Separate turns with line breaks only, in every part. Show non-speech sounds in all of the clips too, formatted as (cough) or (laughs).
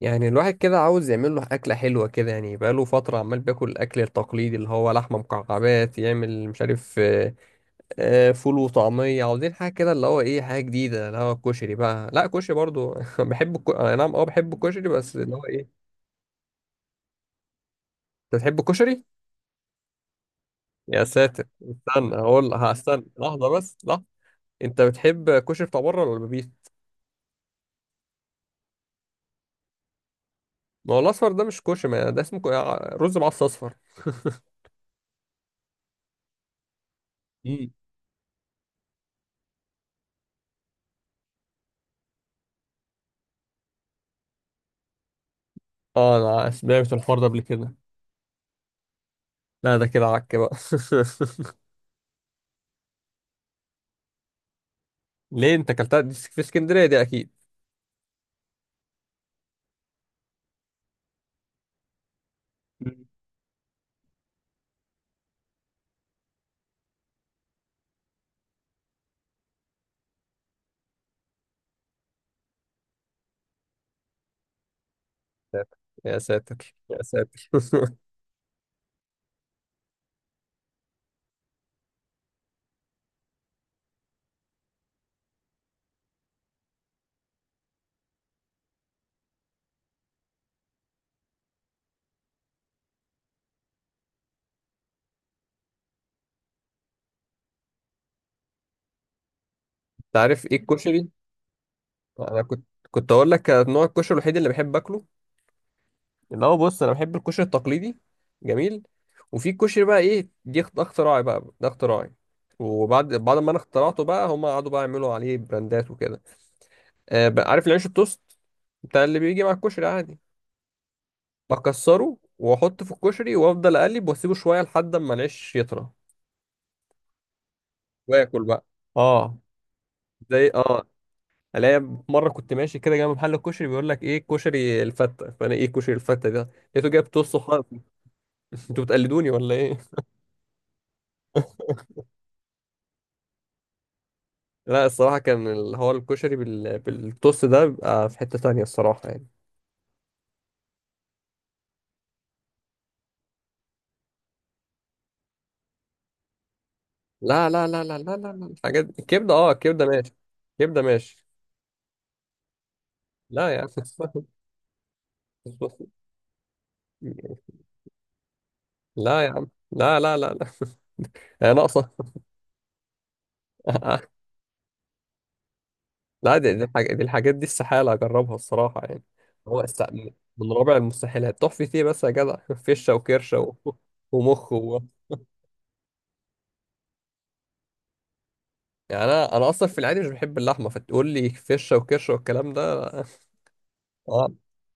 يعني الواحد كده عاوز يعمل له أكلة حلوة كده، يعني بقاله فترة عمال بياكل الأكل التقليدي اللي هو لحمة مكعبات، يعمل مش عارف فول وطعمية. عاوزين حاجة كده اللي هو إيه، حاجة جديدة اللي هو الكشري بقى. لا كشري برضو (laughs) بحب أنا نعم أه بحب الكشري، بس اللي هو إيه. أنت بتحب الكشري؟ يا ساتر استنى، هقول هستنى لحظة، بس لحظة. أنت بتحب كشري بتاع بره ولا البيت؟ ما هو الأصفر ده مش كشري، ما ده اسمه رز معصفر أصفر. مم. أه أنا سمعت الحوار ده قبل كده. لا ده كده عك بقى. (laughs) ليه انت اكلتها دي في اسكندريه دي اكيد. مم. يا ساتر يا ساتر. (laughs) انت عارف ايه الكشري. انا كنت، كنت اقول لك نوع الكشري الوحيد اللي بحب اكله، اللي هو بص انا بحب الكشري التقليدي جميل. وفي كشري بقى ايه، ده اختراعي بقى، ده اختراعي. وبعد ما انا اخترعته بقى هم قعدوا بقى يعملوا عليه براندات وكده. آه بقى، عارف العيش التوست بتاع اللي بيجي مع الكشري عادي، بكسره واحطه في الكشري وافضل اقلب واسيبه شويه لحد اما العيش يطرى واكل بقى. اه زي اه، الاقي مره كنت ماشي كده جنب محل الكشري، بيقول لك ايه كشري الفته، فانا ايه كشري الفته ده، لقيته جايب توست وحاطط. (laughs) انتوا بتقلدوني ولا ايه. لا الصراحه كان اللي هو الكشري بالتوست ده بيبقى في حته تانية الصراحه يعني. لا لا لا لا لا لا لا، الحاجات الكبده اه الكبده ماشي، الكبده ماشي. لا يا عم. (laughs) لا يا عم، لا لا لا لا، هي ناقصه. (laughs) لا دي الحاجات دي استحالة أجربها الصراحة يعني. هو است... من رابع المستحيلات، تحفي ايه بس يا جدع. (laughs) فشة وكرشة و... ومخ و... يعني أنا أصلا في العادي مش بحب اللحمة، فتقول لي فشة وكرشة والكلام ده. آه.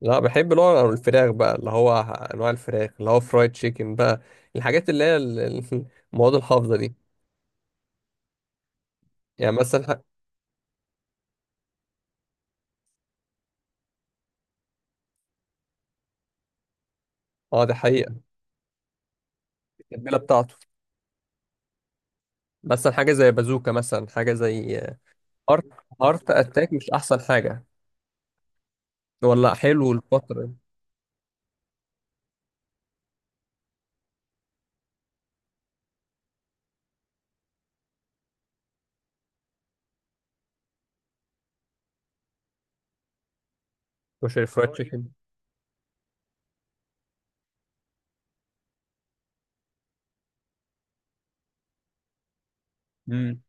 لا بحب اللي هو الفراخ بقى، اللي هو أنواع الفراخ، اللي هو فرايد تشيكن بقى، الحاجات اللي المواد الحافظة دي. يعني مثلا اه دي حقيقة، التتبيلة بتاعته. مثلا حاجة زي بازوكا، مثلا حاجة زي هارت، هارت أتاك مش أحسن حاجة. والله حلو الفترة دي. كشري فرايد تشيكن. امم،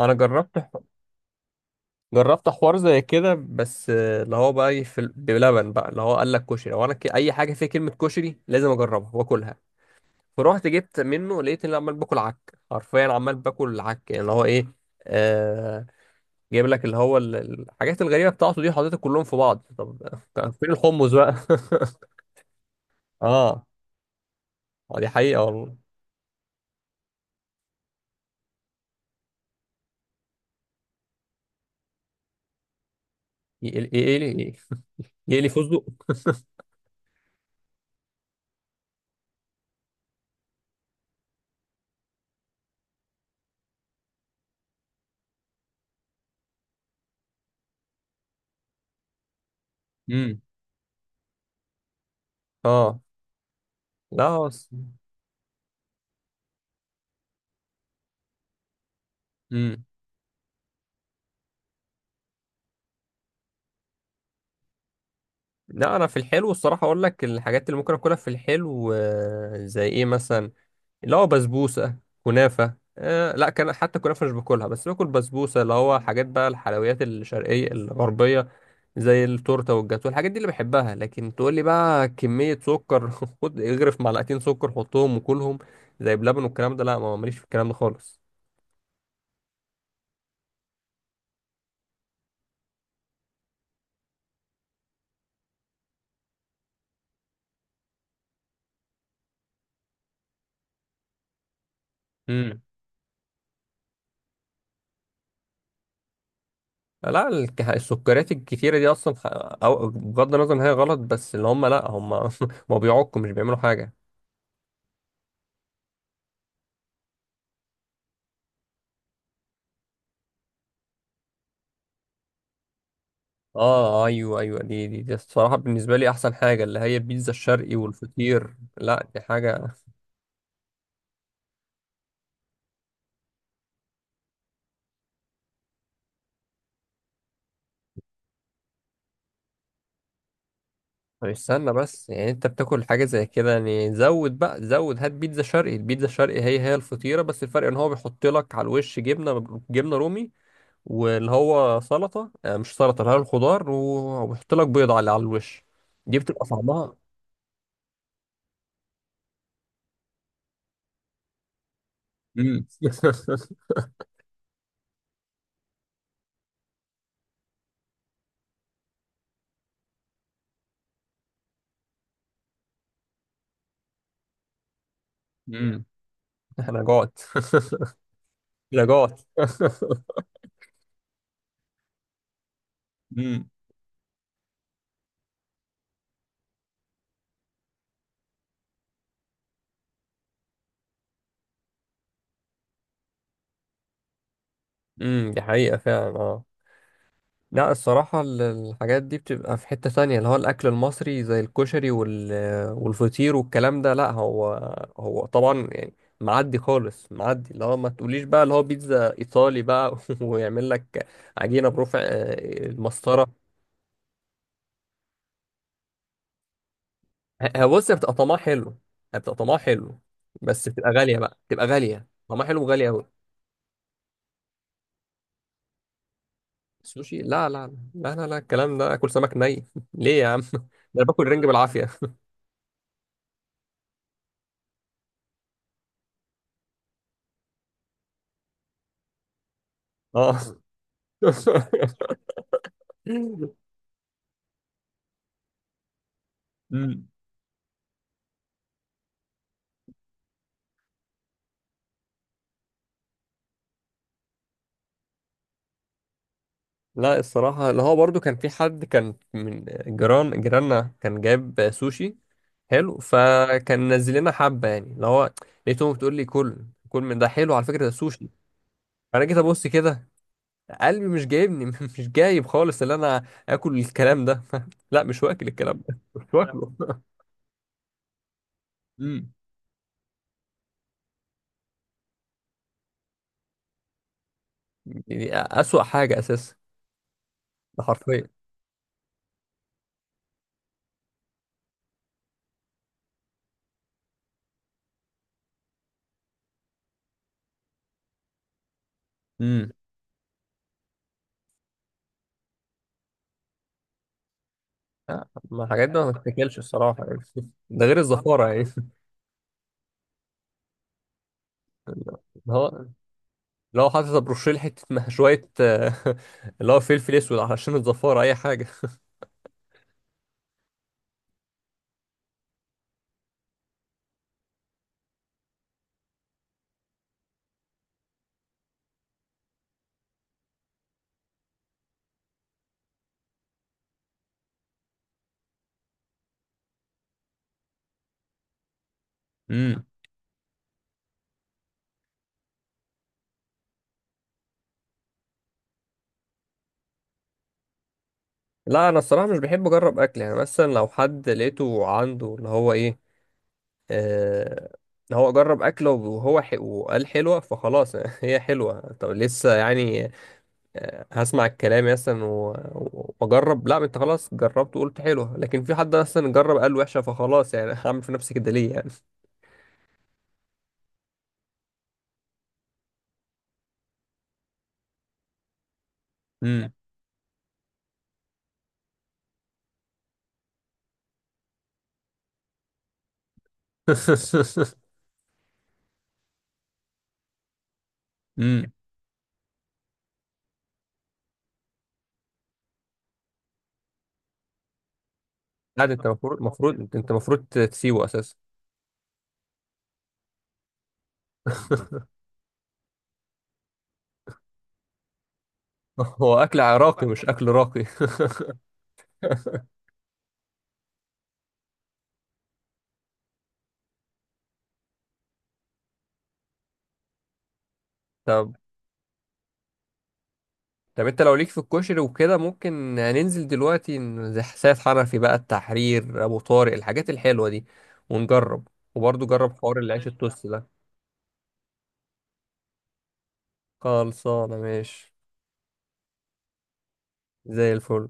انا جربت، جربت حوار زي كده بس اللي هو بقى إيه بلبن بقى، اللي هو قال لك كشري، اي حاجه فيها كلمه كشري لازم اجربها واكلها. فروحت جبت منه، لقيت اني عمال باكل عك حرفيا، عمال باكل عك يعني اللي هو ايه. آه... جايب لك اللي الحاجات الغريبه بتاعته دي حاططها كلهم في بعض، طب كان فين الحمص بقى. (laughs) اه، آه، دي حقيقه والله. ايه ايه ايه ايه إيه- إيه- إيه- إيه- فستق. (laughs) امم. اه لا هو، امم. لا انا في الحلو الصراحه اقول لك الحاجات اللي ممكن اكلها في الحلو، زي ايه مثلا، اللي هو بسبوسه، كنافه آه لا، كان حتى كنافه مش باكلها، بس باكل بسبوسه، اللي هو حاجات بقى الحلويات الشرقيه الغربيه زي التورته والجاتو، الحاجات دي اللي بحبها. لكن تقول لي بقى كميه سكر، (laughs) خد اغرف معلقتين سكر حطهم وكلهم زي بلبن والكلام ده، لا ما ماليش في الكلام ده خالص. لا السكريات الكتيرة دي أصلا أو بغض النظر إن هي غلط، بس اللي هم لأ هم (laughs) ما بيعكوا، مش بيعملوا حاجة. اه ايوه ايوه، دي الصراحه بالنسبه لي احسن حاجه اللي هي البيتزا الشرقي والفطير، لا دي حاجه. (laughs) طب استنى بس، يعني انت بتاكل حاجه زي كده، يعني زود بقى زود، هات بيتزا شرقي. البيتزا الشرقي هي هي الفطيره، بس الفرق ان هو بيحط لك على الوش جبنه، جبنه رومي، واللي هو سلطه مش سلطه، اللي هي الخضار وبيحط لك بيض على على الوش. دي بتبقى طعمها امم امم. (laughs) احنا جعت. (laughs) لا جعت. (laughs) امم، دي حقيقة فعلا اه. لا الصراحة الحاجات دي بتبقى في حتة تانية، اللي هو الأكل المصري زي الكشري وال... والفطير والكلام ده. لا هو، هو طبعا يعني معدي خالص معدي، اللي هو ما تقوليش بقى اللي هو بيتزا إيطالي بقى. (laughs) ويعمل لك عجينة برفع المسطرة. هو بص هي بتبقى طعمها حلو، هي بتبقى طعمها حلو، بس بتبقى غالية بقى، بتبقى غالية طعمها حلو وغالية أوي. سوشي لا لا، لا لا لا الكلام ده اكل سمك ني. (laughs) ليه يا عم ده، انا باكل رنج بالعافيه. (laughs) اه. (laughs) أمم. لا الصراحه اللي هو برضو كان في حد كان من جيران جيراننا كان جاب سوشي حلو، فكان نزل لنا حبه يعني اللي هو، لقيتهم بتقول لي كل كل من ده حلو على فكره، ده سوشي. انا جيت ابص كده، قلبي مش جايبني، (laughs) مش جايب خالص اللي انا اكل الكلام ده. (laughs) لا مش واكل الكلام ده، مش واكله. (laughs) أمم. يعني اسوأ حاجه اساسا، ده حرفيا. امم، آه، ما الحاجات دي ما تتاكلش الصراحه يعني. (laughs) ده غير الزفاره يعني. (laughs) اللي هو لو حاطط بروشيل حته شويه آه، (laughs) اللي هو فلفل اسود علشان الزفاره اي حاجه. امم، لا انا الصراحه مش بحب اجرب اكل، يعني مثلا لو حد لقيته عنده اللي هو ايه، آه، هو جرب اكله وهو حي وقال حلوه فخلاص، (laughs) هي حلوه طب لسه يعني هسمع الكلام مثلا واجرب؟ لا ما انت خلاص جربت وقلت حلو، لكن في حد مثلا جرب قال وحشه فخلاص يعني، (laughs) هعمل في نفسي كده ليه يعني. امم. (laughs) امم. لا ده انت المفروض، المفروض انت المفروض تسيبه اساسا. (laughs) هو اكل عراقي مش اكل راقي. (laughs) طب طب انت لو ليك في الكشري وكده، ممكن ننزل دلوقتي زي سيد حنفي بقى، التحرير، ابو طارق، الحاجات الحلوه دي ونجرب، وبرضه جرب حوار العيش التوست ده. خلصانه ماشي، زي الفل.